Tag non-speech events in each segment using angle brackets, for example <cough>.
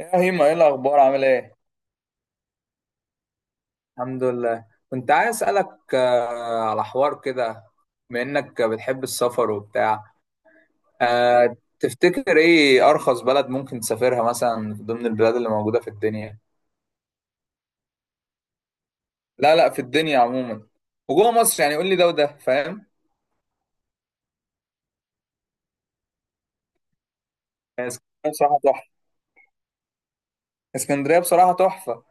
يا هيما، ايه الاخبار؟ عامل ايه؟ الحمد لله. كنت عايز أسألك على حوار كده، بما إنك بتحب السفر وبتاع. تفتكر إيه أرخص بلد ممكن تسافرها مثلا ضمن البلاد اللي موجودة في الدنيا؟ لا، لا، في الدنيا عموما، وجوه مصر يعني قول لي ده وده، فاهم؟ اسكندريه بصراحه تحفه. اسكندريه بصراحه تحفه.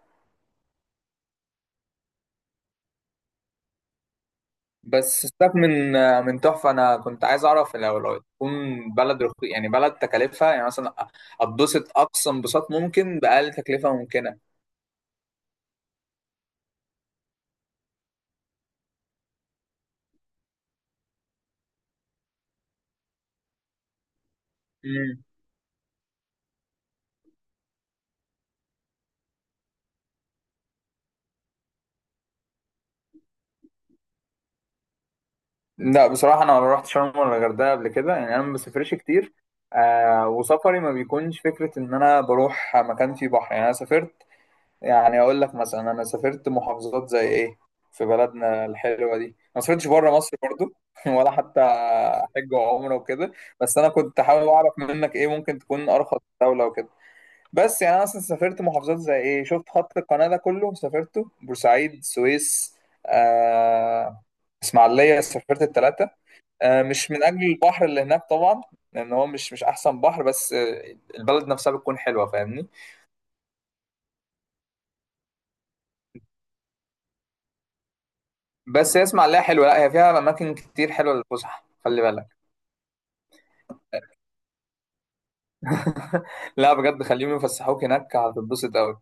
بس سيبك من تحفه، انا كنت عايز اعرف لو تكون بلد رخي، يعني بلد تكلفها، يعني مثلا اتبسط اقصى انبساط ممكن باقل تكلفه ممكنه. مم. لا، بصراحة أنا ما رحت شرم ولا الغردقة قبل كده، يعني أنا ما بسافرش كتير. وسفري ما بيكونش فكرة إن أنا بروح مكان فيه بحر، يعني أنا سافرت. يعني أقول لك مثلا أنا سافرت محافظات زي إيه، في بلدنا الحلوة دي، ما سافرتش بره مصر برضو. <laughs> ولا حتى حج وعمرة وكده. بس أنا كنت حابب أعرف منك، إيه ممكن تكون أرخص دولة وكده. بس يعني انا اصلا سافرت محافظات زي ايه، شفت خط القناة ده كله سافرته، بورسعيد، السويس، آه اسماعيلية، سافرت التلاتة. مش من اجل البحر اللي هناك طبعا، لان هو مش احسن بحر، بس البلد نفسها بتكون حلوة، فاهمني. بس هي اسماعيلية حلوة، لا هي فيها اماكن كتير حلوة للفسح، خلي بالك. <laughs> لا بجد، خليهم يفسحوك هناك هتتبسط قوي.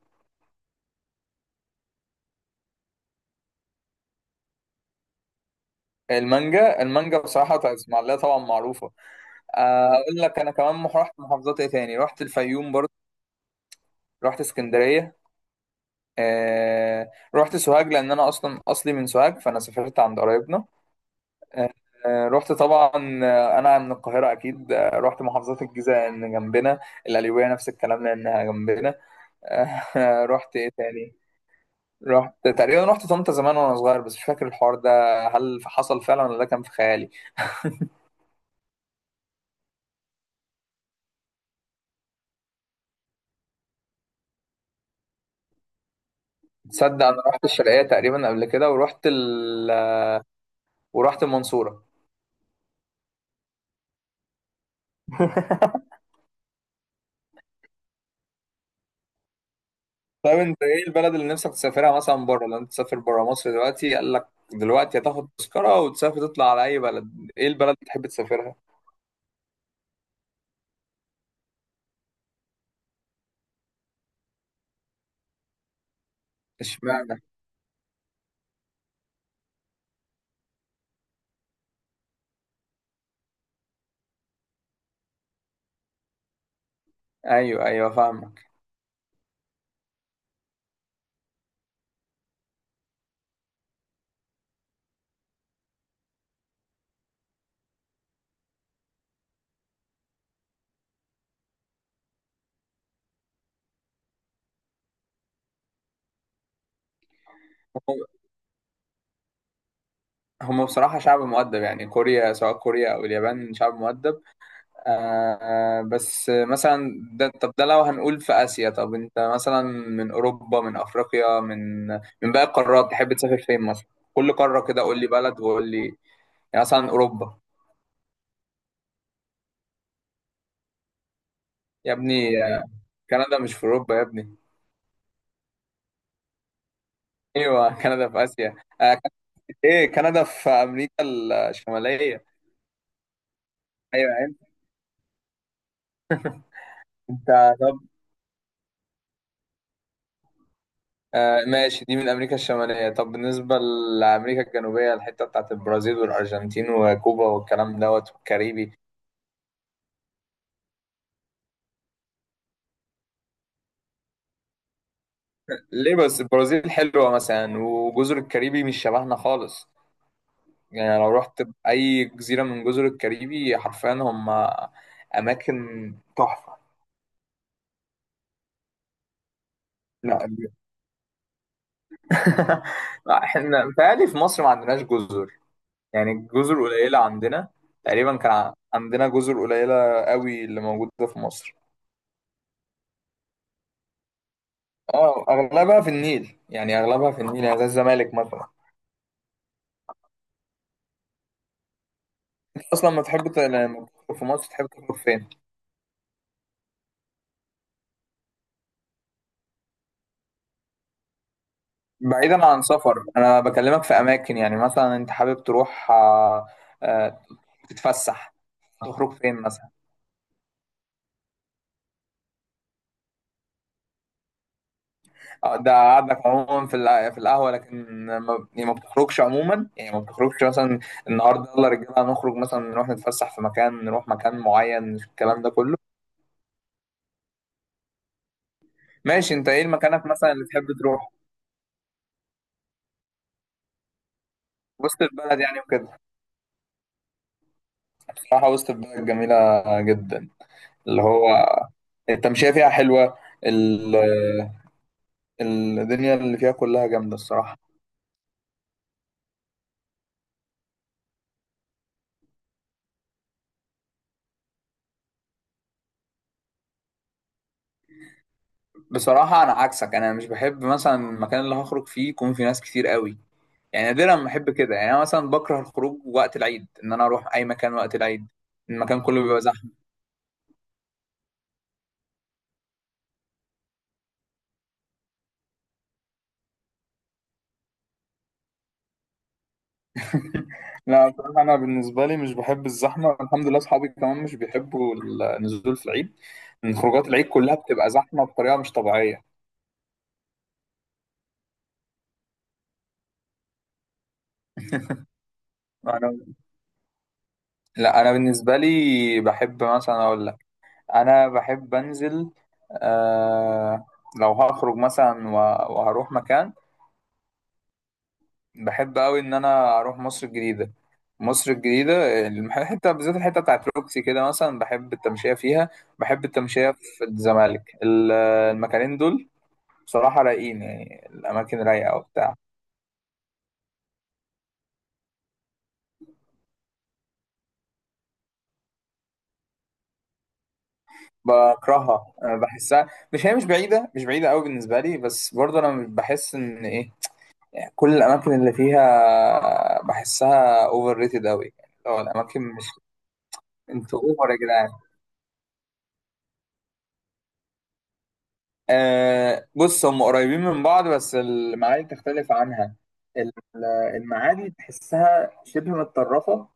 المانجا، المانجا بصراحة بتاعت اسماعيلية طبعا معروفة. اقول لك انا كمان رحت محافظات ايه تاني، رحت الفيوم برضه، رحت اسكندرية. رحت سوهاج، لأن أنا أصلا أصلي من سوهاج، فأنا سافرت عند قرايبنا. رحت طبعا. أنا من القاهرة أكيد. رحت محافظات الجيزة لأن جنبنا، القليوبية نفس الكلام لأنها جنبنا. <laughs> رحت إيه تاني؟ رحت تقريبا، رحت طنطا زمان وأنا صغير، بس مش فاكر الحوار ده، هل حصل فعلا ولا ده كان في خيالي؟ تصدق أنا رحت الشرقية تقريبا قبل كده، ورحت ورحت المنصورة. <laughs> طيب، انت ايه البلد اللي نفسك تسافرها مثلا بره؟ لو انت تسافر بره مصر دلوقتي، قال لك دلوقتي هتاخد تذكرة وتسافر تطلع على اي بلد، ايه البلد اللي تحب تسافرها؟ اشمعنى؟ ايوه، ايوه، فاهمك. هم هم بصراحة شعب مؤدب، يعني كوريا، سواء كوريا او اليابان شعب مؤدب. بس مثلا ده، طب ده لو هنقول في اسيا، طب انت مثلا من اوروبا، من افريقيا، من من باقي القارات تحب تسافر فين مثلا؟ كل قارة كده، قول لي بلد وقول لي، يعني مثلا اوروبا. يا ابني، كندا مش في اوروبا يا ابني. ايوه، كندا في اسيا؟ كانت، ايه، كندا في امريكا الشماليه. ايوه، انت، انت، طب. ماشي، دي من امريكا الشماليه. طب بالنسبه لامريكا الجنوبيه، الحته بتاعت البرازيل والارجنتين وكوبا والكلام دوت والكاريبي. ليه؟ بس البرازيل حلوه مثلا، وجزر الكاريبي مش شبهنا خالص. يعني لو رحت اي جزيره من جزر الكاريبي، حرفيا هم اماكن تحفه. لا. <laughs> لا، احنا بيتهيألي في مصر ما عندناش جزر، يعني الجزر قليلة عندنا. تقريبا كان عندنا جزر قليلة قوي اللي موجودة في مصر. اه، اغلبها في النيل، يعني اغلبها في النيل، يعني زي الزمالك مثلا. انت اصلا لما تحب لما تخرج في مصر تحب تخرج فين؟ بعيدا عن سفر، انا بكلمك في اماكن، يعني مثلا انت حابب تروح آه، تتفسح، تخرج فين مثلا؟ ده قعدك عموما في في القهوه، لكن ما يعني ما بتخرجش عموما، يعني ما بتخرجش مثلا النهارده يلا رجاله هنخرج مثلا، نروح نتفسح في مكان، نروح مكان معين الكلام ده كله. ماشي، انت ايه مكانك مثلا اللي تحب تروح؟ وسط البلد يعني وكده. بصراحه وسط البلد جميله جدا، اللي هو التمشيه فيها حلوه. ال- الدنيا اللي فيها كلها جامده الصراحه. بصراحه انا عكسك، انا مش بحب مثلا المكان اللي هخرج فيه يكون فيه ناس كتير قوي، يعني نادرا ما احب كده، يعني انا مثلا بكره الخروج وقت العيد، ان انا اروح اي مكان وقت العيد المكان كله بيبقى زحمه. <laughs> لا، بصراحة أنا بالنسبة لي مش بحب الزحمة، الحمد لله أصحابي كمان مش بيحبوا النزول في العيد، لأن خروجات العيد كلها بتبقى زحمة بطريقة مش طبيعية. أنا... لا، انا بالنسبه لي بحب، مثلا اقول لك، انا بحب انزل. آه... لو هخرج مثلا وهروح مكان، بحب قوي ان انا اروح مصر الجديده. مصر الجديده الحته بالذات، الحته بتاعت روكسي كده مثلا بحب التمشيه فيها. بحب التمشيه في الزمالك، المكانين دول بصراحه رايقين، يعني الاماكن رايقه وبتاع. بكرهها أنا، بحسها، مش، هي مش بعيده، مش بعيده قوي بالنسبه لي، بس برضه انا مش بحس ان ايه، كل الاماكن اللي فيها بحسها اوفر ريتد قوي، يعني لو الاماكن مش، انتوا اوفر يا جدعان. بص هم قريبين من بعض، بس المعادي تختلف عنها. ال- المعادي تحسها شبه متطرفة،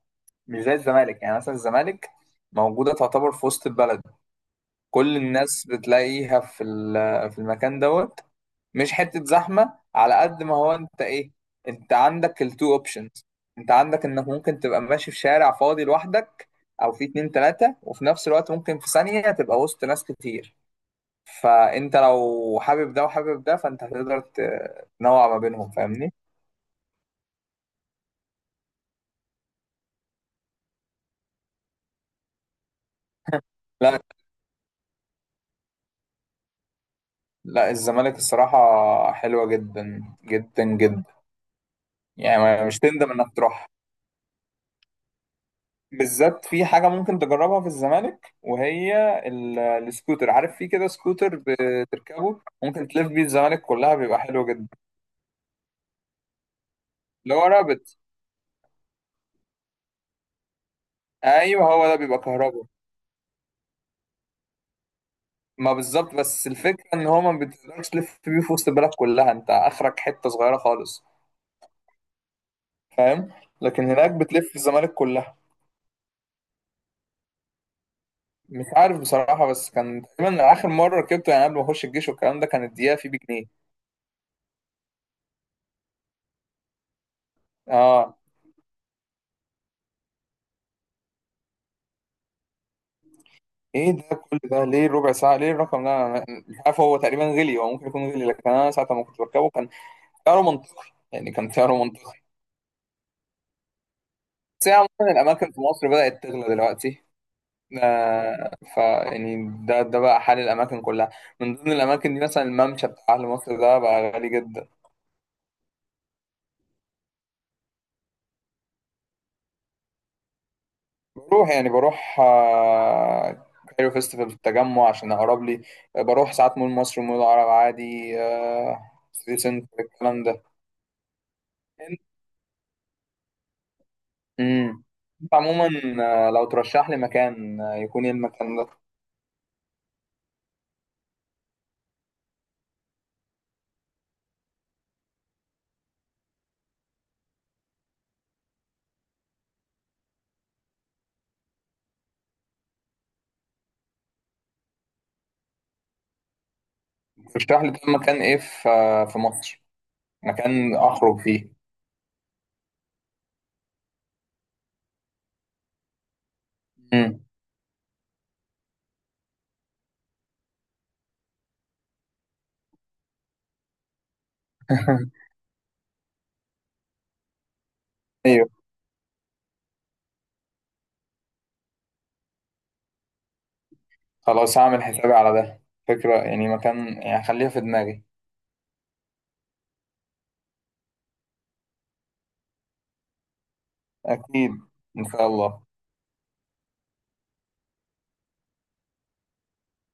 مش زي الزمالك، يعني مثلا الزمالك موجودة تعتبر في وسط البلد. كل الناس بتلاقيها في في المكان دوت، مش حتة زحمة على قد ما هو، انت ايه، انت عندك التو اوبشنز، انت عندك انك ممكن تبقى ماشي في شارع فاضي لوحدك، او في اتنين تلاتة، وفي نفس الوقت ممكن في ثانية تبقى وسط ناس كتير. فانت لو حابب ده وحابب ده، فانت هتقدر تنوع ما بينهم، فاهمني. لا، لا، الزمالك الصراحة حلوة جدا جدا جدا، يعني مش تندم انك تروح. بالذات في حاجة ممكن تجربها في الزمالك، وهي السكوتر، عارف، في كده سكوتر بتركبه ممكن تلف بيه الزمالك كلها، بيبقى حلو جدا. اللي هو رابط. ايوه، هو ده بيبقى كهربا. ما بالظبط، بس الفكرة ان هو ما بتقدرش تلف بيه في وسط البلد كلها، انت اخرك حتة صغيرة خالص، فاهم؟ لكن هناك بتلف الزمالك كلها. مش عارف بصراحة، بس كان تقريبا آخر مرة ركبته يعني قبل ما أخش الجيش والكلام ده، كانت دقيقة فيه بجنيه. اه. ايه ده؟ كل ده ليه ربع ساعة؟ ليه الرقم ده؟ أنا مش عارف، هو تقريبا غلي، هو ممكن يكون غلي، لكن أنا ساعة ما كنت بركبه كان سعره منطقي، يعني كان سعره منطقي. بس هي عموما الأماكن في مصر بدأت تغلى دلوقتي. آه ف يعني ده بقى حال الأماكن كلها. من ضمن الأماكن دي مثلا الممشى بتاع أهل مصر ده بقى غالي جدا. يعني بروح كايرو فيستيفال في التجمع عشان اقرب لي. بروح ساعات مول مصر ومول العرب عادي، سيتي سنتر الكلام ده. امم انت عموما، لو ترشح لي مكان يكون ايه المكان ده؟ ترشح لي، طب مكان ايه في مصر، مكان اخرج فيه. امم. <laughs> ايوه، خلاص هعمل حسابي على ده فكرة، يعني مكان، يعني خليها في دماغي. اكيد، ان شاء الله.